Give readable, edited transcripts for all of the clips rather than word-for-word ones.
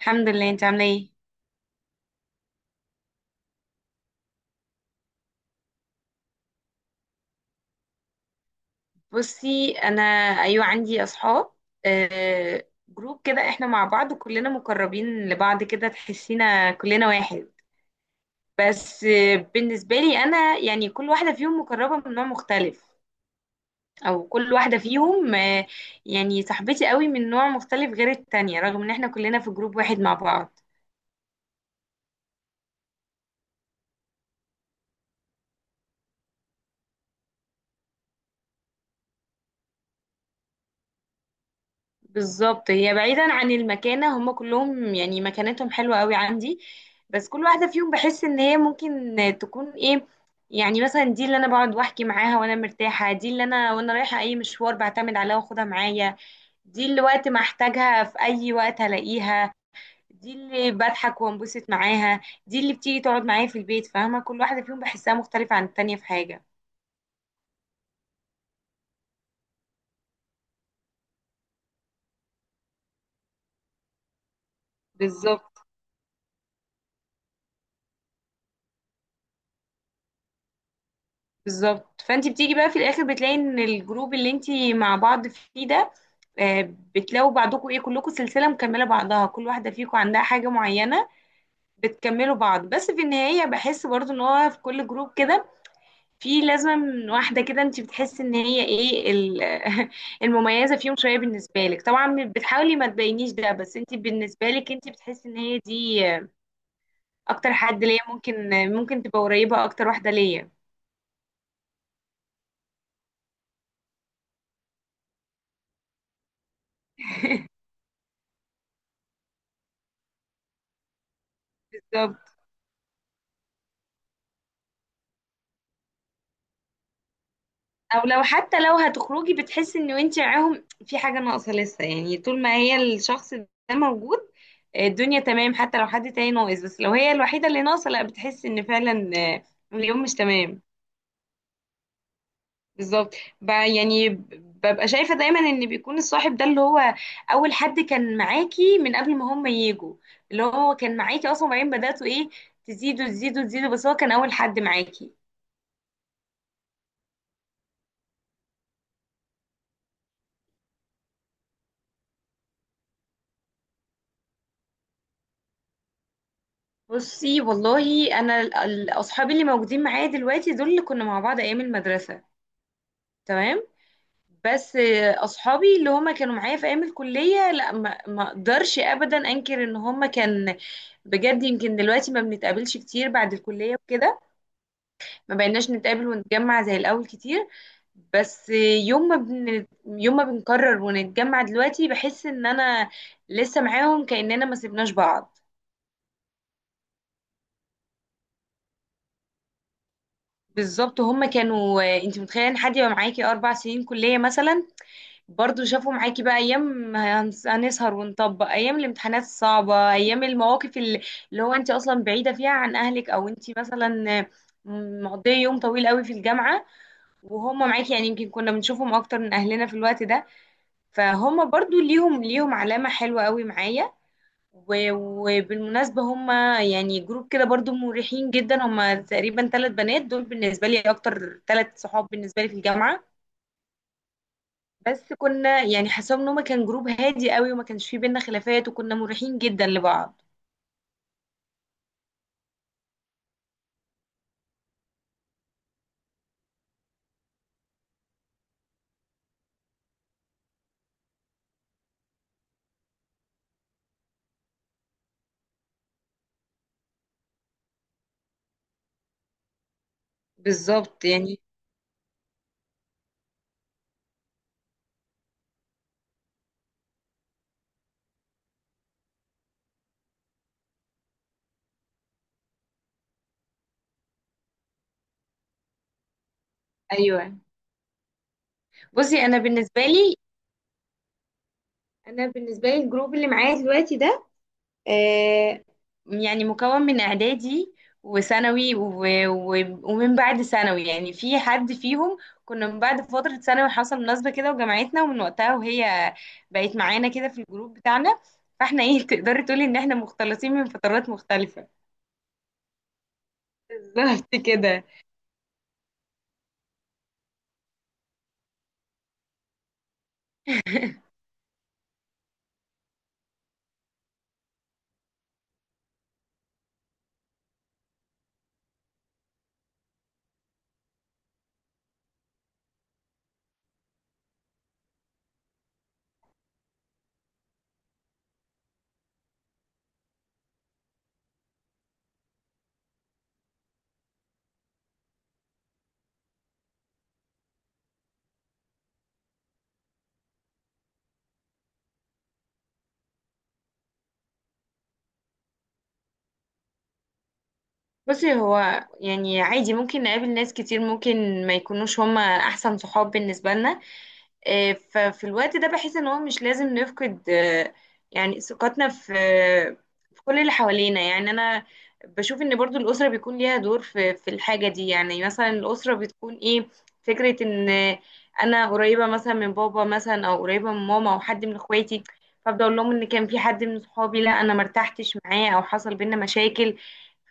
الحمد لله. انت عامله ايه؟ بصي انا، ايوه عندي اصحاب. جروب كده احنا مع بعض وكلنا مقربين لبعض كده، تحسينا كلنا واحد. بس بالنسبه لي انا يعني كل واحده فيهم مقربه من نوع مختلف، او كل واحده فيهم يعني صاحبتي قوي من نوع مختلف غير التانية، رغم ان احنا كلنا في جروب واحد مع بعض. بالظبط، هي بعيدا عن المكانة هم كلهم يعني مكانتهم حلوة قوي عندي، بس كل واحدة فيهم بحس ان هي ممكن تكون ايه. يعني مثلا دي اللي انا بقعد واحكي معاها وانا مرتاحة، دي اللي انا وانا رايحة اي مشوار بعتمد عليها واخدها معايا، دي اللي وقت ما احتاجها في اي وقت هلاقيها، دي اللي بضحك وانبسط معاها، دي اللي بتيجي تقعد معايا في البيت. فاهمة، كل واحدة فيهم بحسها مختلفة عن التانية في حاجة. بالظبط. بالظبط، فانت بتيجي بقى في الاخر بتلاقي ان الجروب اللي انت مع بعض فيه ده، بتلاقوا بعضكم ايه، كلكم سلسله مكمله بعضها، كل واحده فيكم عندها حاجه معينه، بتكملوا بعض. بس في النهايه بحس برضو ان هو في كل جروب كده في لازم واحده كده انت بتحس ان هي ايه المميزه فيهم شويه. بالنسبه لك طبعا بتحاولي ما تبينيش ده، بس انت بالنسبه لك انت بتحس ان هي دي اكتر حد ليا، ممكن ممكن تبقى قريبه اكتر واحده ليا. بالظبط. او لو حتى لو هتخرجي بتحسي ان انت معاهم في حاجه ناقصه لسه، يعني طول ما هي الشخص ده موجود الدنيا تمام. حتى لو حد تاني ناقص بس لو هي الوحيده اللي ناقصه، لا بتحسي ان فعلا اليوم مش تمام. بالظبط. يعني ببقى شايفه دايما ان بيكون الصاحب ده اللي هو اول حد كان معاكي من قبل ما هم يجوا، اللي هو كان معاكي اصلا، وبعدين بداتوا ايه، تزيدوا تزيدوا تزيدوا، بس هو كان اول حد معاكي. بصي والله انا اصحابي اللي موجودين معايا دلوقتي دول اللي كنا مع بعض ايام المدرسه، تمام. بس اصحابي اللي هما كانوا معايا في ايام الكليه لا، ما اقدرش ابدا انكر ان هما كان بجد. يمكن دلوقتي ما بنتقابلش كتير بعد الكليه وكده، ما بقيناش نتقابل ونتجمع زي الاول كتير، بس يوم ما بنقرر ونتجمع دلوقتي بحس ان انا لسه معاهم، كاننا ما سيبناش بعض. بالظبط. هم كانوا، انت متخيله ان حد يبقى معاكي اربع سنين كليه مثلا؟ برضو شافوا معاكي بقى ايام هنسهر ونطبق، ايام الامتحانات الصعبه، ايام المواقف اللي هو انت اصلا بعيده فيها عن اهلك، او انت مثلا مقضيه يوم طويل قوي في الجامعه وهم معاكي. يعني يمكن كنا بنشوفهم اكتر من اهلنا في الوقت ده، فهم برضو ليهم علامه حلوه قوي معايا. وبالمناسبة هما يعني جروب كده برضو مريحين جدا، هما تقريبا ثلاث بنات دول بالنسبة لي، أكتر ثلاث صحاب بالنسبة لي في الجامعة. بس كنا يعني حسب ان هما كان جروب هادي قوي وما كانش فيه بينا خلافات، وكنا مريحين جدا لبعض. بالظبط يعني، ايوه. بصي انا بالنسبه لي، انا بالنسبه لي الجروب اللي معايا دلوقتي ده آه، يعني مكون من اعدادي وثانوي ومن بعد ثانوي، يعني في حد فيهم كنا من بعد فترة ثانوي حصل مناسبة كده وجمعتنا، ومن وقتها وهي بقت معانا كده في الجروب بتاعنا. فاحنا ايه تقدري تقولي ان احنا مختلطين من فترات مختلفة. بالظبط كده. بصي هو يعني عادي ممكن نقابل ناس كتير ممكن ما يكونوش هما احسن صحاب بالنسبة لنا، ففي الوقت ده بحس ان هو مش لازم نفقد يعني ثقتنا في في كل اللي حوالينا. يعني انا بشوف ان برضو الاسره بيكون ليها دور في في الحاجه دي. يعني مثلا الاسره بتكون ايه، فكره ان انا قريبه مثلا من بابا مثلا، او قريبه من ماما، او حد من اخواتي، فابدا اقول لهم ان كان في حد من صحابي لا انا مرتحتش معاه او حصل بينا مشاكل،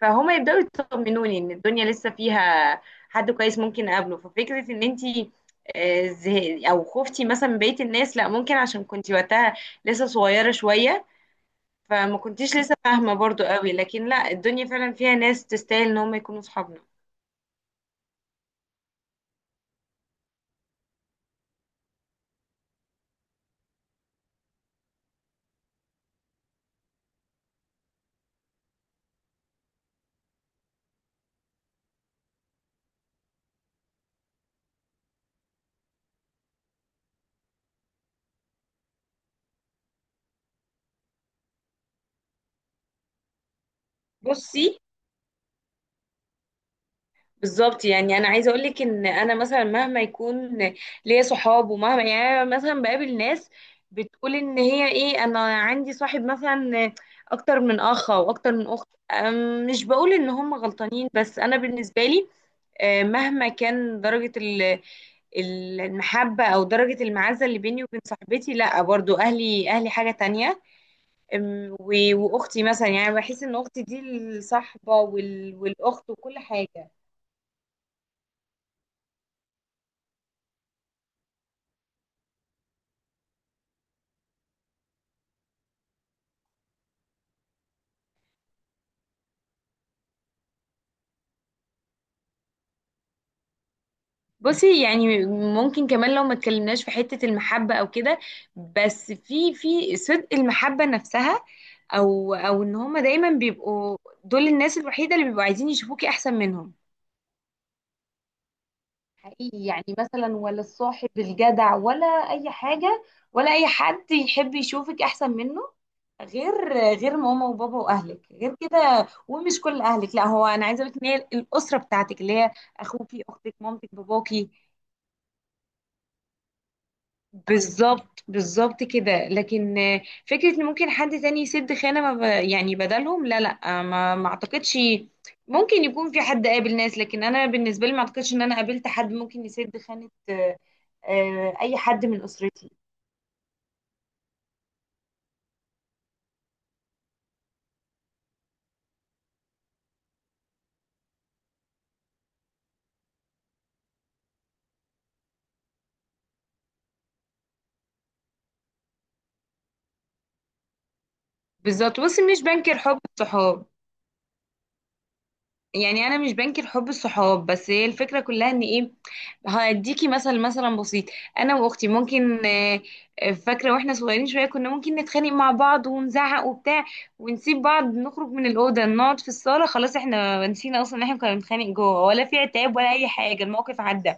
فهما يبداوا يطمنوني ان الدنيا لسه فيها حد كويس ممكن اقابله. ففكره ان انتي او خفتي مثلا من بقية الناس لا، ممكن عشان كنتي وقتها لسه صغيرة شوية، فما كنتيش لسه فاهمة برضو قوي، لكن لا الدنيا فعلا فيها ناس تستاهل ان هم يكونوا صحابنا. بصي، بالظبط يعني انا عايزه اقول لك ان انا مثلا مهما يكون ليا صحاب، ومهما يعني أنا مثلا بقابل ناس بتقول ان هي ايه، انا عندي صاحب مثلا اكتر من اخ او اكتر من اخت، مش بقول ان هم غلطانين، بس انا بالنسبه لي مهما كان درجة المحبة أو درجة المعزة اللي بيني وبين صاحبتي، لأ، برضو أهلي. أهلي حاجة تانية. وأختي مثلا، يعني بحس إن أختي دي الصاحبة والأخت وكل حاجة. بصي يعني ممكن كمان لو ما اتكلمناش في حتة المحبة أو كده، بس في في صدق المحبة نفسها، أو أو إن هما دايما بيبقوا دول الناس الوحيدة اللي بيبقوا عايزين يشوفوكي أحسن منهم. حقيقي، يعني مثلا ولا الصاحب الجدع، ولا اي حاجه، ولا اي حد يحب يشوفك احسن منه غير غير ماما وبابا واهلك. غير كده، ومش كل اهلك لا، هو انا عايزه اقول لك ان هي الاسره بتاعتك اللي هي اخوكي، اختك، مامتك، باباكي. بالظبط كده، لكن فكرة ان ممكن حد تاني يسد خانة ما ب... يعني بدلهم، لا ما اعتقدش. ممكن يكون في حد قابل ناس، لكن انا بالنسبة لي ما اعتقدش ان انا قابلت حد ممكن يسد خانة اي حد من اسرتي. بالظبط، بس مش بنكر حب الصحاب. يعني انا مش بنكر حب الصحاب، بس هي الفكره كلها ان ايه، هديكي مثلا بسيط. انا واختي ممكن فاكره واحنا صغيرين شويه كنا ممكن نتخانق مع بعض ونزعق وبتاع، ونسيب بعض، نخرج من الاوضه، نقعد في الصاله، خلاص احنا نسينا اصلا ان احنا كنا بنتخانق جوه، ولا في عتاب، ولا اي حاجه، الموقف عدى.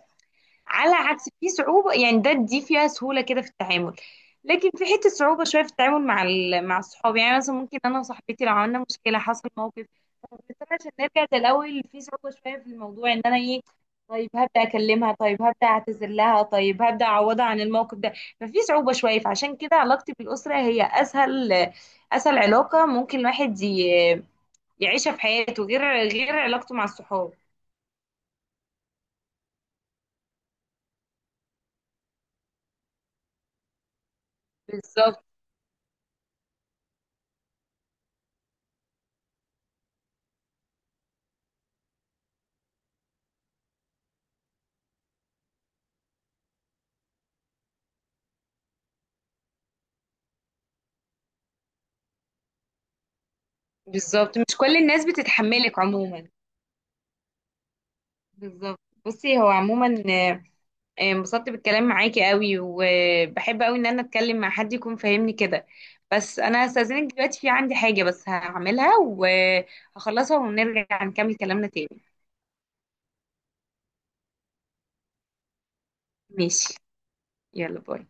على عكس، في صعوبة، يعني ده دي فيها سهولة كده في التعامل، لكن في حتة صعوبة شوية في التعامل مع مع الصحاب. يعني مثلا ممكن أنا وصاحبتي لو عملنا مشكلة حصل موقف، بس أنا عشان نرجع زي الأول في صعوبة شوية في الموضوع، إن أنا إيه، طيب هبدأ أكلمها، طيب هبدأ أعتذر لها، طيب هبدأ أعوضها عن الموقف ده، ففي صعوبة شوية. فعشان كده علاقتي بالأسرة هي أسهل، أسهل علاقة ممكن الواحد يعيشها في حياته غير غير علاقته مع الصحاب. بالظبط. بالظبط، مش كل الناس بتتحملك عموما. بالظبط. بصي هو عموما انبسطت بالكلام معاكي قوي، وبحب قوي ان انا اتكلم مع حد يكون فاهمني كده، بس انا هستأذنك دلوقتي، في عندي حاجة بس هعملها وهخلصها ونرجع نكمل كلامنا تاني. ماشي، يلا باي.